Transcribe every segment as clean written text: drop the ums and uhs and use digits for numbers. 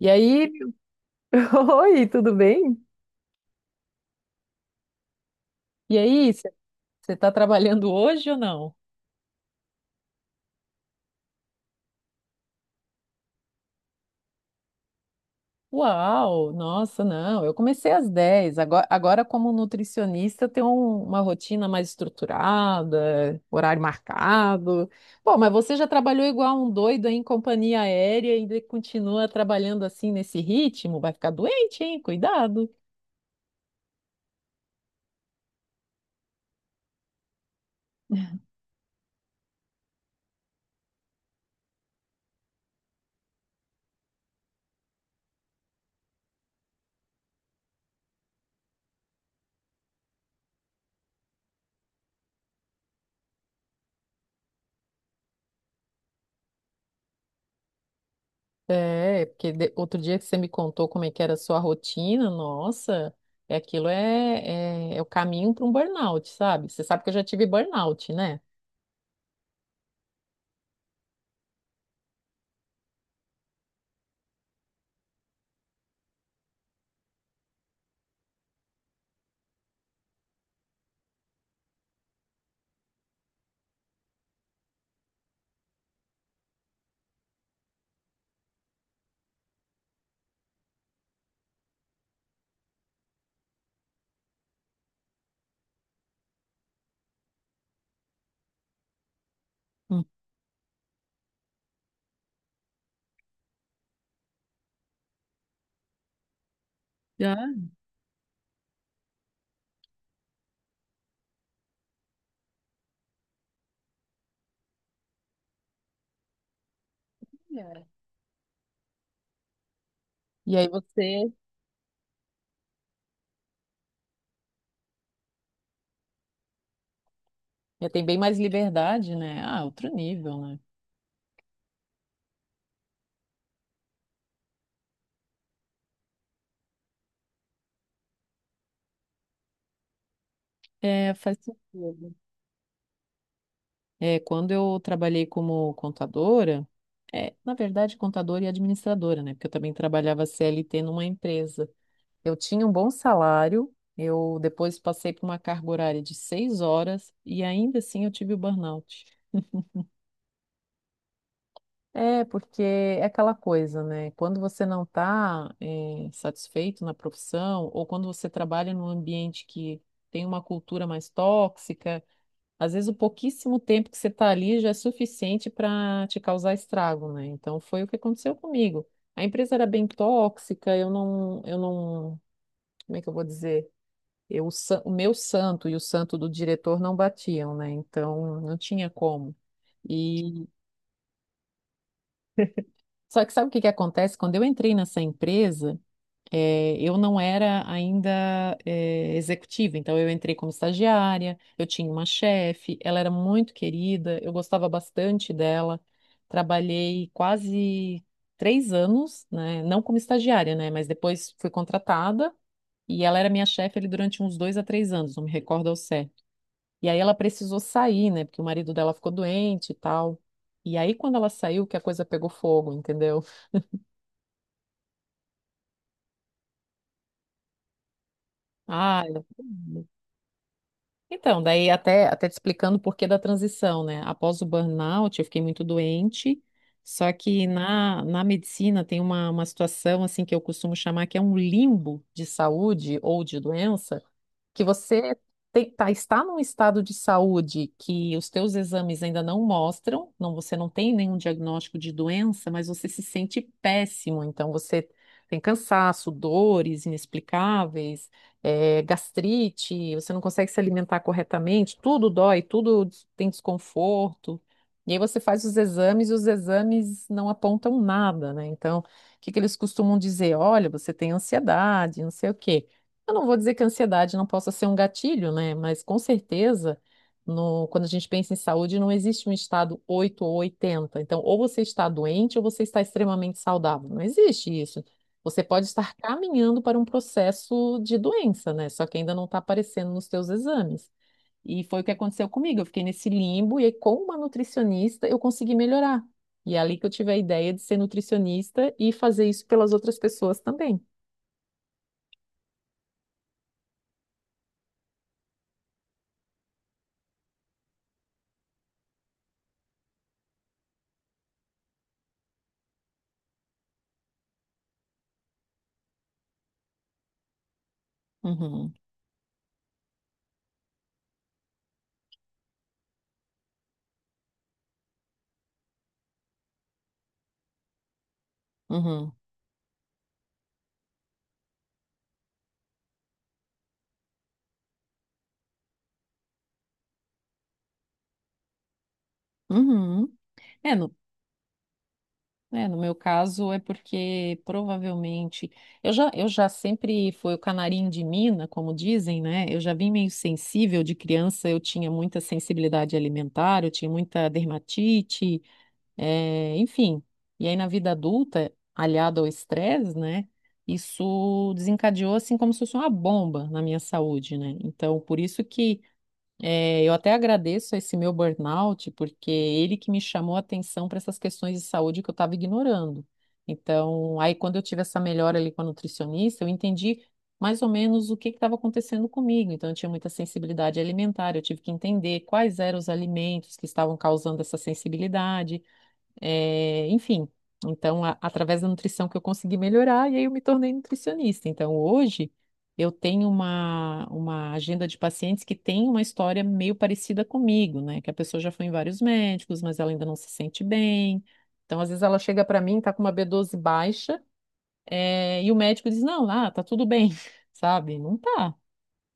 E aí, oi, tudo bem? E aí, você está trabalhando hoje ou não? Uau, nossa, não, eu comecei às 10. Agora como nutricionista, eu tenho uma rotina mais estruturada, horário marcado. Pô, mas você já trabalhou igual um doido aí em companhia aérea e ainda continua trabalhando assim nesse ritmo? Vai ficar doente, hein? Cuidado. É, porque outro dia que você me contou como é que era a sua rotina, nossa, é aquilo é o caminho para um burnout, sabe? Você sabe que eu já tive burnout, né? Hum. Já, é. E aí você já tem bem mais liberdade, né? Ah, outro nível, né? É, faz sentido. É, quando eu trabalhei como contadora, é, na verdade, contadora e administradora, né? Porque eu também trabalhava CLT numa empresa. Eu tinha um bom salário, eu depois passei por uma carga horária de 6 horas e ainda assim eu tive o burnout. É, porque é aquela coisa, né? Quando você não está satisfeito na profissão, ou quando você trabalha num ambiente que tem uma cultura mais tóxica, às vezes o pouquíssimo tempo que você está ali já é suficiente para te causar estrago, né? Então foi o que aconteceu comigo. A empresa era bem tóxica, eu não, como é que eu vou dizer? Eu, o meu santo e o santo do diretor não batiam, né? Então não tinha como. E só que sabe o que que acontece? Quando eu entrei nessa empresa, eu não era ainda executiva, então eu entrei como estagiária, eu tinha uma chefe, ela era muito querida, eu gostava bastante dela. Trabalhei quase 3 anos, né? Não como estagiária, né? Mas depois fui contratada e ela era minha chefe ali durante uns 2 a 3 anos, não me recordo ao certo. E aí ela precisou sair, né? Porque o marido dela ficou doente e tal. E aí, quando ela saiu, que a coisa pegou fogo, entendeu? Ah, então, daí até, até te explicando o porquê da transição, né? Após o burnout, eu fiquei muito doente, só que na medicina tem uma situação, assim, que eu costumo chamar que é um limbo de saúde ou de doença, que você tá, está num estado de saúde que os teus exames ainda não mostram, não, você não tem nenhum diagnóstico de doença, mas você se sente péssimo, então você tem cansaço, dores inexplicáveis, gastrite, você não consegue se alimentar corretamente, tudo dói, tem desconforto. E aí você faz os exames e os exames não apontam nada, né? Então, o que que eles costumam dizer? Olha, você tem ansiedade, não sei o quê. Eu não vou dizer que a ansiedade não possa ser um gatilho, né? Mas com certeza, quando a gente pensa em saúde, não existe um estado 8 ou 80. Então, ou você está doente ou você está extremamente saudável. Não existe isso. Você pode estar caminhando para um processo de doença, né? Só que ainda não está aparecendo nos teus exames. E foi o que aconteceu comigo. Eu fiquei nesse limbo e aí, com uma nutricionista eu consegui melhorar. E é ali que eu tive a ideia de ser nutricionista e fazer isso pelas outras pessoas também. Uhum, uhum, uhum. É, no, é, no meu caso é porque provavelmente eu já sempre fui o canarinho de mina, como dizem, né? Eu já vim meio sensível de criança, eu tinha muita sensibilidade alimentar, eu tinha muita dermatite, eh, enfim. E aí na vida adulta, aliado ao estresse, né? Isso desencadeou assim como se fosse uma bomba na minha saúde, né? Então, por isso que é, eu até agradeço a esse meu burnout, porque ele que me chamou a atenção para essas questões de saúde que eu estava ignorando. Então, aí quando eu tive essa melhora ali com a nutricionista, eu entendi mais ou menos o que estava acontecendo comigo. Então, eu tinha muita sensibilidade alimentar, eu tive que entender quais eram os alimentos que estavam causando essa sensibilidade. É, enfim, então, através da nutrição que eu consegui melhorar, e aí eu me tornei nutricionista. Então, hoje, eu tenho uma agenda de pacientes que tem uma história meio parecida comigo, né? Que a pessoa já foi em vários médicos, mas ela ainda não se sente bem. Então, às vezes, ela chega para mim, tá com uma B12 baixa, é, e o médico diz: Não, lá, tá tudo bem, sabe? Não tá.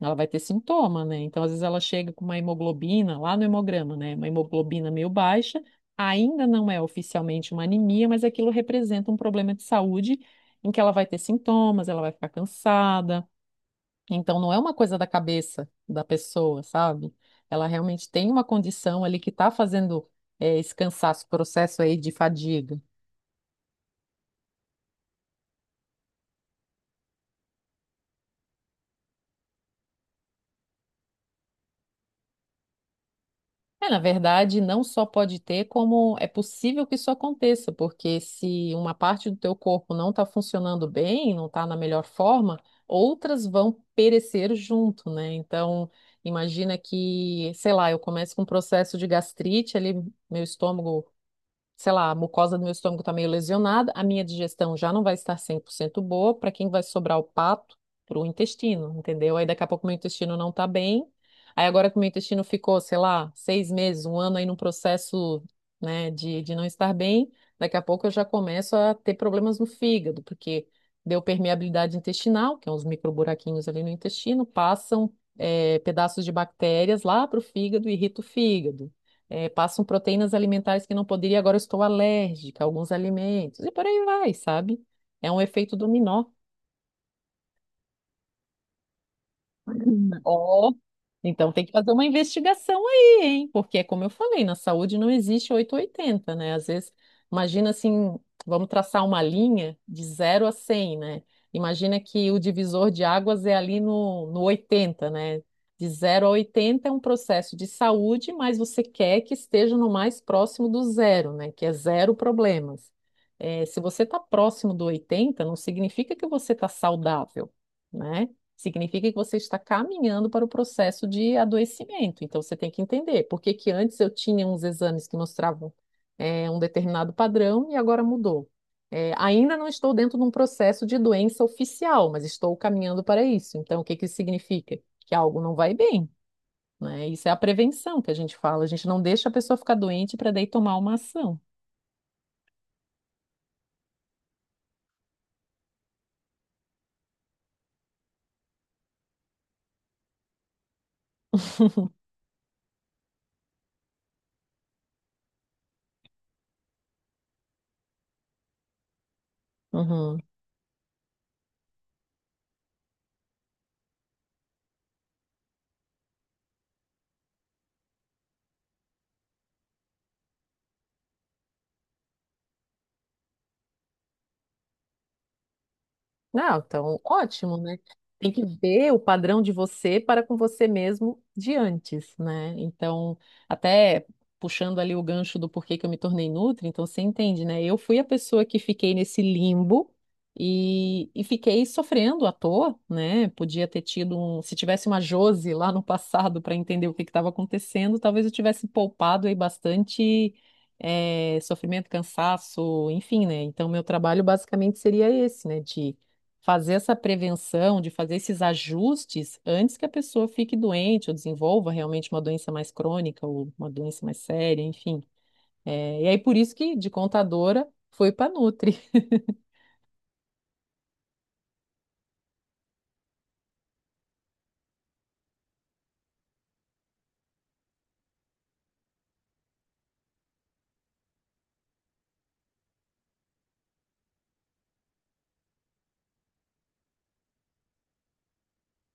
Ela vai ter sintoma, né? Então, às vezes ela chega com uma hemoglobina lá no hemograma, né? Uma hemoglobina meio baixa, ainda não é oficialmente uma anemia, mas aquilo representa um problema de saúde em que ela vai ter sintomas, ela vai ficar cansada. Então, não é uma coisa da cabeça da pessoa, sabe? Ela realmente tem uma condição ali que está fazendo esse cansaço, processo aí de fadiga. É, na verdade, não só pode ter, como é possível que isso aconteça, porque se uma parte do teu corpo não está funcionando bem, não está na melhor forma, outras vão perecer junto, né? Então, imagina que, sei lá, eu começo com um processo de gastrite, ali meu estômago, sei lá, a mucosa do meu estômago está meio lesionada, a minha digestão já não vai estar 100% boa, para quem vai sobrar o pato? Para o intestino, entendeu? Aí daqui a pouco meu intestino não está bem, aí agora que o meu intestino ficou, sei lá, 6 meses, um ano aí num processo, né, de não estar bem, daqui a pouco eu já começo a ter problemas no fígado, porque deu permeabilidade intestinal, que é uns microburaquinhos ali no intestino, passam pedaços de bactérias lá para o fígado e irrita o fígado, passam proteínas alimentares que não poderia, agora eu estou alérgica a alguns alimentos, e por aí vai, sabe? É um efeito dominó. Ó, então tem que fazer uma investigação aí, hein? Porque é como eu falei, na saúde não existe 8 ou 80, né? Às vezes, imagina assim, vamos traçar uma linha de 0 a 100, né? Imagina que o divisor de águas é ali no 80, né? De 0 a 80 é um processo de saúde, mas você quer que esteja no mais próximo do zero, né? Que é zero problemas. É, se você está próximo do 80, não significa que você está saudável, né? Significa que você está caminhando para o processo de adoecimento. Então, você tem que entender por que que antes eu tinha uns exames que mostravam um determinado padrão e agora mudou. Ainda não estou dentro de um processo de doença oficial, mas estou caminhando para isso. Então, o que que isso significa? Que algo não vai bem, né? Isso é a prevenção que a gente fala. A gente não deixa a pessoa ficar doente para daí tomar uma ação. Uhum. Não, então, ótimo, né? Tem que ver o padrão de você para com você mesmo de antes, né? Então, até puxando ali o gancho do porquê que eu me tornei nutri, então você entende, né? Eu fui a pessoa que fiquei nesse limbo e fiquei sofrendo à toa, né? Podia ter tido um, se tivesse uma Jose lá no passado para entender o que estava acontecendo, talvez eu tivesse poupado aí bastante sofrimento, cansaço, enfim, né? Então, meu trabalho basicamente seria esse, né? De fazer essa prevenção, de fazer esses ajustes antes que a pessoa fique doente ou desenvolva realmente uma doença mais crônica ou uma doença mais séria, enfim. É, e aí por isso que de contadora foi para Nutri.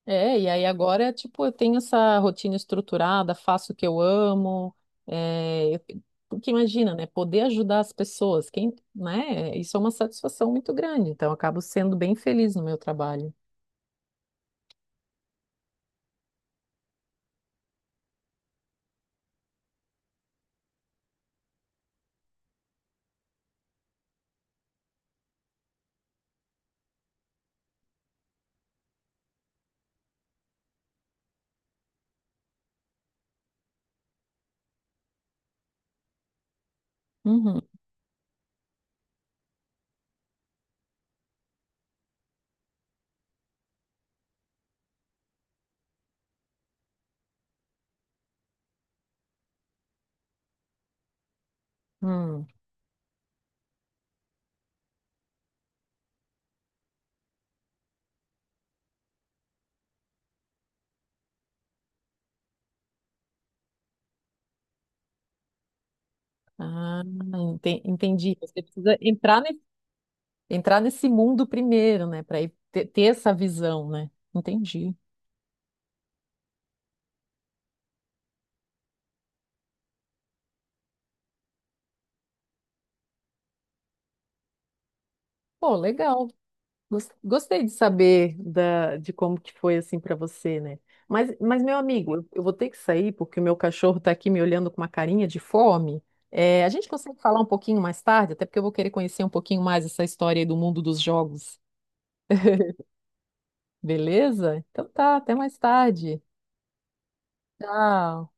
É, e aí agora, tipo, eu tenho essa rotina estruturada, faço o que eu amo, é, porque imagina, né, poder ajudar as pessoas, quem, né, isso é uma satisfação muito grande, então eu acabo sendo bem feliz no meu trabalho. Uhum. Hum. Ah, entendi. Você precisa entrar, entrar nesse mundo primeiro, né? Para ter essa visão, né? Entendi. Pô, legal. Gostei de saber de como que foi assim para você, né? Mas, meu amigo, eu vou ter que sair porque o meu cachorro tá aqui me olhando com uma carinha de fome. É, a gente consegue falar um pouquinho mais tarde, até porque eu vou querer conhecer um pouquinho mais essa história aí do mundo dos jogos. Beleza? Então tá, até mais tarde. Tchau.